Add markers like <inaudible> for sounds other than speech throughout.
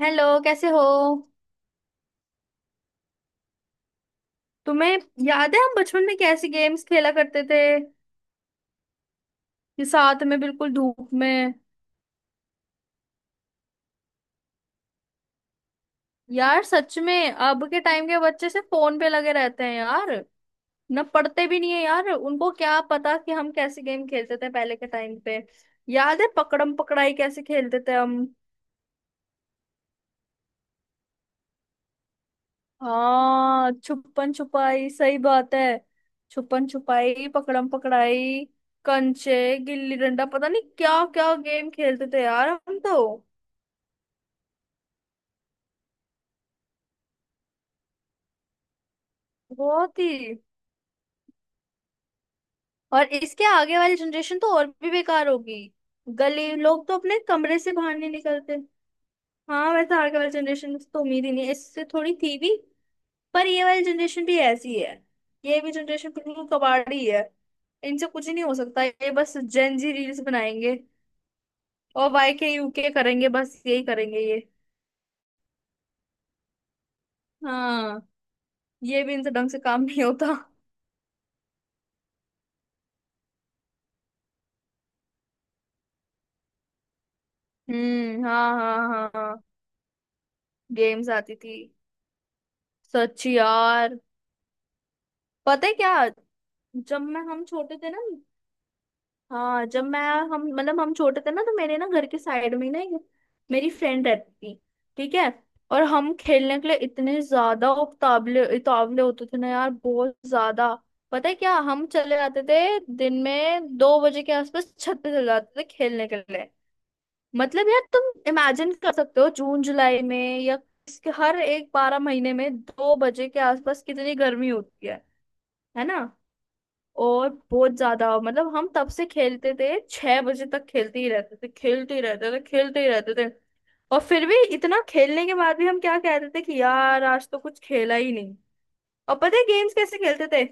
Hello, कैसे हो? तुम्हें याद है हम बचपन में कैसे गेम्स खेला करते थे कि साथ में, बिल्कुल धूप में। यार सच में अब के टाइम के बच्चे से फोन पे लगे रहते हैं यार। ना पढ़ते भी नहीं है यार, उनको क्या पता कि हम कैसे गेम खेलते थे पहले के टाइम पे। याद है पकड़म पकड़ाई कैसे खेलते थे हम? हाँ, छुपन छुपाई, सही बात है। छुपन छुपाई, पकड़म पकड़ाई, कंचे, गिल्ली डंडा, पता नहीं क्या क्या गेम खेलते थे यार हम तो। बहुत ही। और इसके आगे वाली जनरेशन तो और भी बेकार होगी। गली लोग तो अपने कमरे से बाहर नहीं निकलते। हाँ वैसे आगे वाली जनरेशन तो उम्मीद ही नहीं है, इससे थोड़ी थी भी। पर ये वाली जनरेशन भी ऐसी है। ये भी जनरेशन बिल्कुल कबाड़ी है। इनसे कुछ ही नहीं हो सकता, ये बस जेन जी रील्स बनाएंगे। और वाई के यू के करेंगे, बस यही करेंगे ये। हाँ, ये भी इनसे ढंग से काम नहीं होता। हम्म, हाँ हाँ हाँ हाँ। गेम्स आती थी। सच यार। पता है क्या, जब मैं हम छोटे थे ना। हाँ जब मैं हम मतलब हम छोटे थे ना, तो मेरे ना घर के साइड में ही ना एक मेरी फ्रेंड रहती थी, ठीक है? और हम खेलने के लिए इतने ज्यादा उतावले उतावले होते थे ना यार, बहुत ज्यादा। पता है क्या, हम चले जाते थे दिन में 2 बजे के आसपास, छत पे चले जाते थे खेलने के लिए। मतलब यार तुम इमेजिन कर सकते हो, जून जुलाई में या इसके हर एक 12 महीने में 2 बजे के आसपास कितनी गर्मी होती है। है ना? और बहुत ज्यादा मतलब, हम तब से खेलते थे, 6 बजे तक खेलते ही रहते थे, खेलते ही रहते थे, खेलते ही रहते थे। और फिर भी इतना खेलने के बाद भी हम क्या कहते थे कि यार आज तो कुछ खेला ही नहीं। और पता है गेम्स कैसे खेलते थे?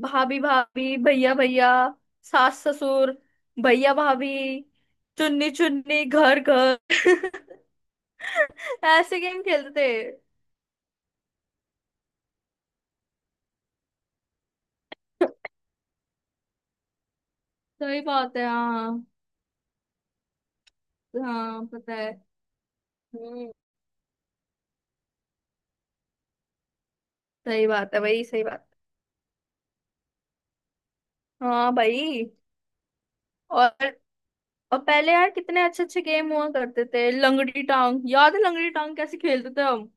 भाभी भाभी, भैया भैया, सास ससुर, भैया भाभी, चुन्नी चुन्नी, घर घर <laughs> ऐसे गेम खेलते थे। सही बात है हाँ। हाँ पता है। हम्म, सही बात है भाई, सही बात। हाँ भाई। और और पहले यार कितने अच्छे अच्छे गेम हुआ करते थे, लंगड़ी टांग। याद है लंगड़ी टांग कैसे खेलते थे हम?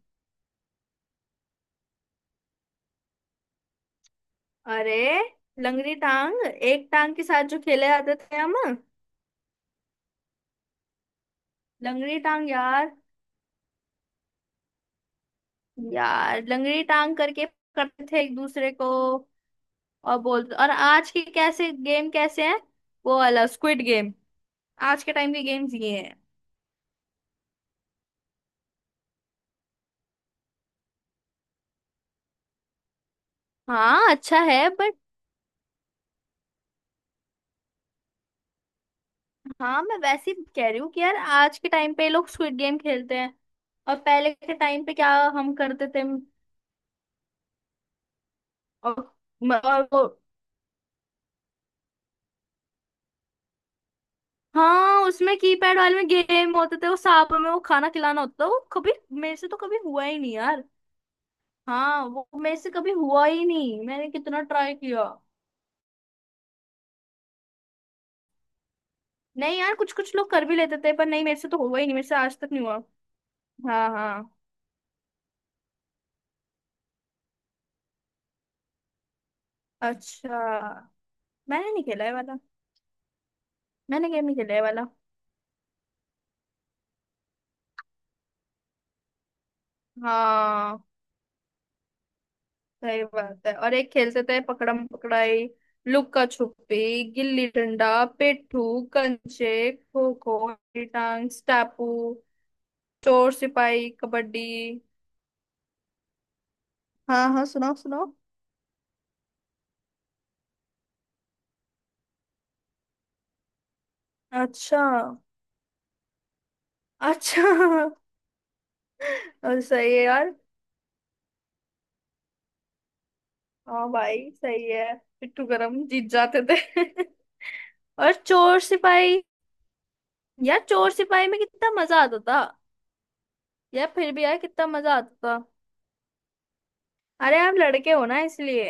अरे, लंगड़ी टांग एक टांग के साथ जो खेले जाते थे हम। लंगड़ी टांग यार, यार लंगड़ी टांग करके करते थे एक दूसरे को। और बोलते, और आज के कैसे गेम कैसे हैं, वो वाला स्क्विड गेम, आज के टाइम के गेम्स ये हैं। हाँ अच्छा है बट, हाँ मैं वैसे ही कह रही हूँ कि यार आज के टाइम पे लोग स्क्विड गेम खेलते हैं, और पहले के टाइम पे क्या हम करते थे। और, और वो। हाँ उसमें कीपैड वाले में गेम होते थे, वो सांप में वो खाना खिलाना होता था वो, कभी मेरे से तो कभी हुआ ही नहीं यार। हाँ, वो मेरे से कभी हुआ ही नहीं, मैंने कितना ट्राई किया। नहीं यार, कुछ कुछ लोग कर भी लेते थे, पर नहीं, मेरे से तो हुआ ही नहीं, मेरे से आज तक नहीं हुआ। हाँ हाँ। अच्छा, मैंने नहीं खेला है वाला। मैंने गेम नहीं खेला है वाला। हाँ, सही बात है। और एक खेलते थे पकड़म पकड़ाई, लुक्का छुपी, गिल्ली डंडा, पेट्टू, कंचे, खो खो, टांग स्टापू, चोर सिपाही, कबड्डी। हाँ हाँ, सुनाओ सुनाओ। अच्छा। अच्छा, और सही है यार। हाँ भाई सही है, पिट्ठू गरम जीत जाते थे। <laughs> और चोर सिपाही, यार चोर सिपाही में कितना मजा आता था। यार फिर भी यार कितना मजा आता था। अरे आप लड़के हो ना इसलिए।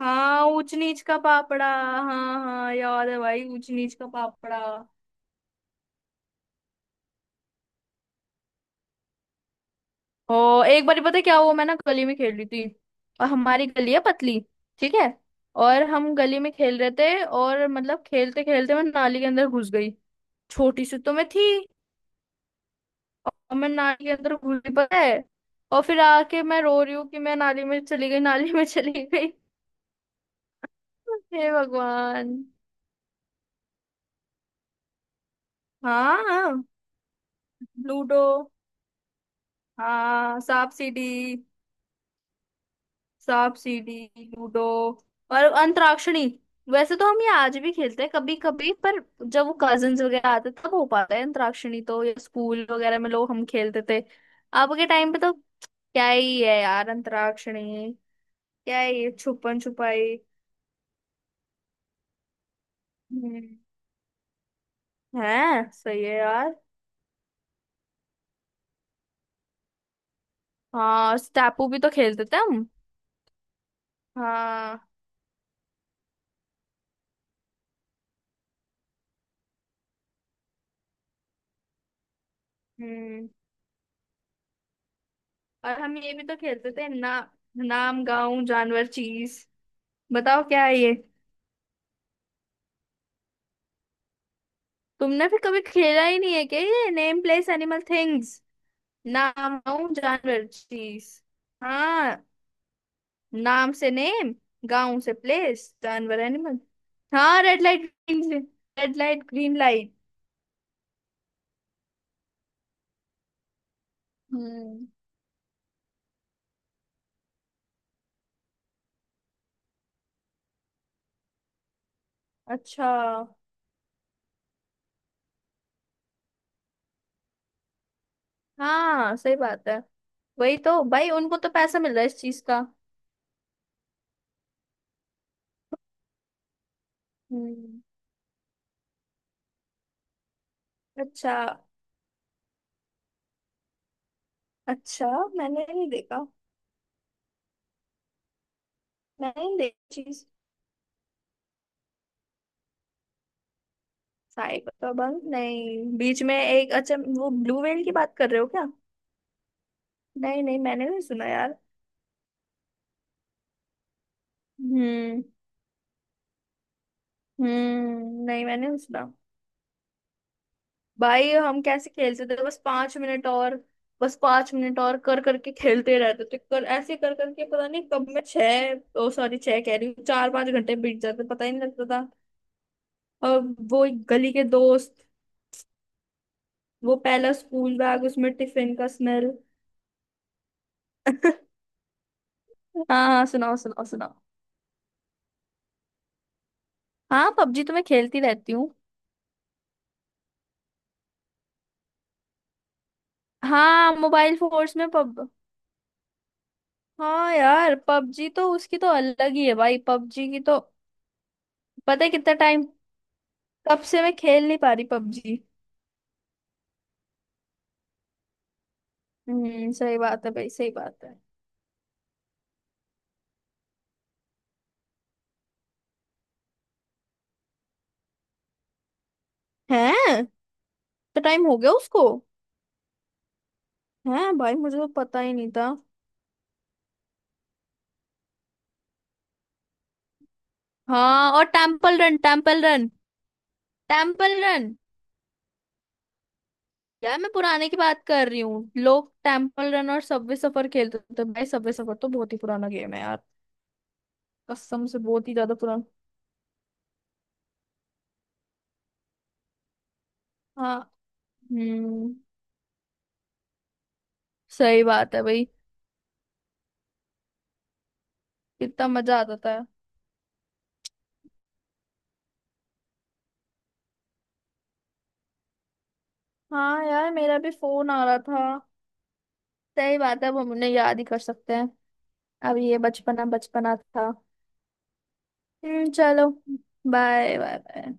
हाँ ऊंच नीच का पापड़ा, हाँ हाँ याद है भाई ऊंच नीच का पापड़ा। ओ, एक बार पता है क्या हुआ, मैं ना गली में खेल रही थी, और हमारी गली है पतली, ठीक है? और हम गली में खेल रहे थे, और मतलब खेलते खेलते मैं नाली के अंदर घुस गई। छोटी सी तो मैं थी। और मैं नाली के अंदर घुस गई पता है। और फिर आके मैं रो रही हूँ कि मैं नाली में चली गई, नाली में चली गई। <laughs> हे भगवान। हाँ, लूडो। हाँ सांप सीढ़ी। सांप सीढ़ी लूडो। और अंतराक्षरी। वैसे तो हम ये आज भी खेलते हैं कभी कभी, पर जब वो कजिन्स वगैरह आते तब हो पाता है अंतराक्षरी तो, या स्कूल वगैरह में लोग हम खेलते थे। अब के टाइम पे तो क्या ही है यार अंतराक्षरी, क्या ही है, छुपन छुपाई। हम्म, है सही है यार। हाँ स्टापू भी तो खेलते थे हम। हाँ। हम्म, और हम ये भी तो खेलते थे ना, नाम गाँव जानवर चीज। बताओ क्या है ये? तुमने फिर कभी खेला ही नहीं है क्या ये नेम प्लेस एनिमल थिंग्स? नाम गाँव जानवर चीज। हाँ, नाम से नेम, गाँव से प्लेस, जानवर एनिमल। हाँ green red light green light. हम्म। अच्छा। हाँ सही बात है। वही तो भाई, उनको तो पैसा मिल रहा है इस चीज का। हम्म। अच्छा। अच्छा, मैंने नहीं देखा। मैंने नहीं देखी चीज। साइबर नहीं, बीच में एक अच्छा, वो ब्लू व्हेल की बात कर रहे हो क्या? नहीं नहीं, मैंने नहीं सुना यार। हम्म। हम्म, नहीं मैंने नहीं सुना। भाई हम कैसे खेलते थे, बस 5 मिनट और, बस पांच मिनट और कर करके खेलते रहते थे, कर ऐसे कर करके, पता नहीं कब, मैं छह, ओ सॉरी, छह कह रही हूँ, 4 5 घंटे बीत जाते पता ही नहीं लगता था। और वो गली के दोस्त, वो पहला स्कूल बैग, उसमें टिफिन का स्मेल। <laughs> हाँ हाँ सुनाओ सुनाओ सुनाओ। हाँ पबजी तो मैं खेलती रहती हूँ। हाँ मोबाइल फोर्स में पब। हाँ यार पबजी तो उसकी तो अलग ही है भाई, पबजी की तो। पता है कितना टाइम, कब से मैं खेल नहीं पा रही पबजी। हम्म, सही बात है भाई, सही बात है। हैं? तो टाइम हो गया उसको। हैं? भाई मुझे तो पता ही नहीं था। हाँ, और temple run, temple run, temple run. यार मैं पुराने की बात कर रही हूँ, लोग टेम्पल रन और सबवे सफर खेलते थे भाई, सबवे सफर तो बहुत ही पुराना गेम है यार। कसम से बहुत ही ज्यादा पुराना। हाँ। हम्म, सही बात है भाई। कितना मजा आता था। हाँ यार मेरा भी फोन आ रहा था। सही बात है, अब हम उन्हें याद ही कर सकते हैं। अब ये बचपना बचपना था। हम्म, चलो। Bye bye bye.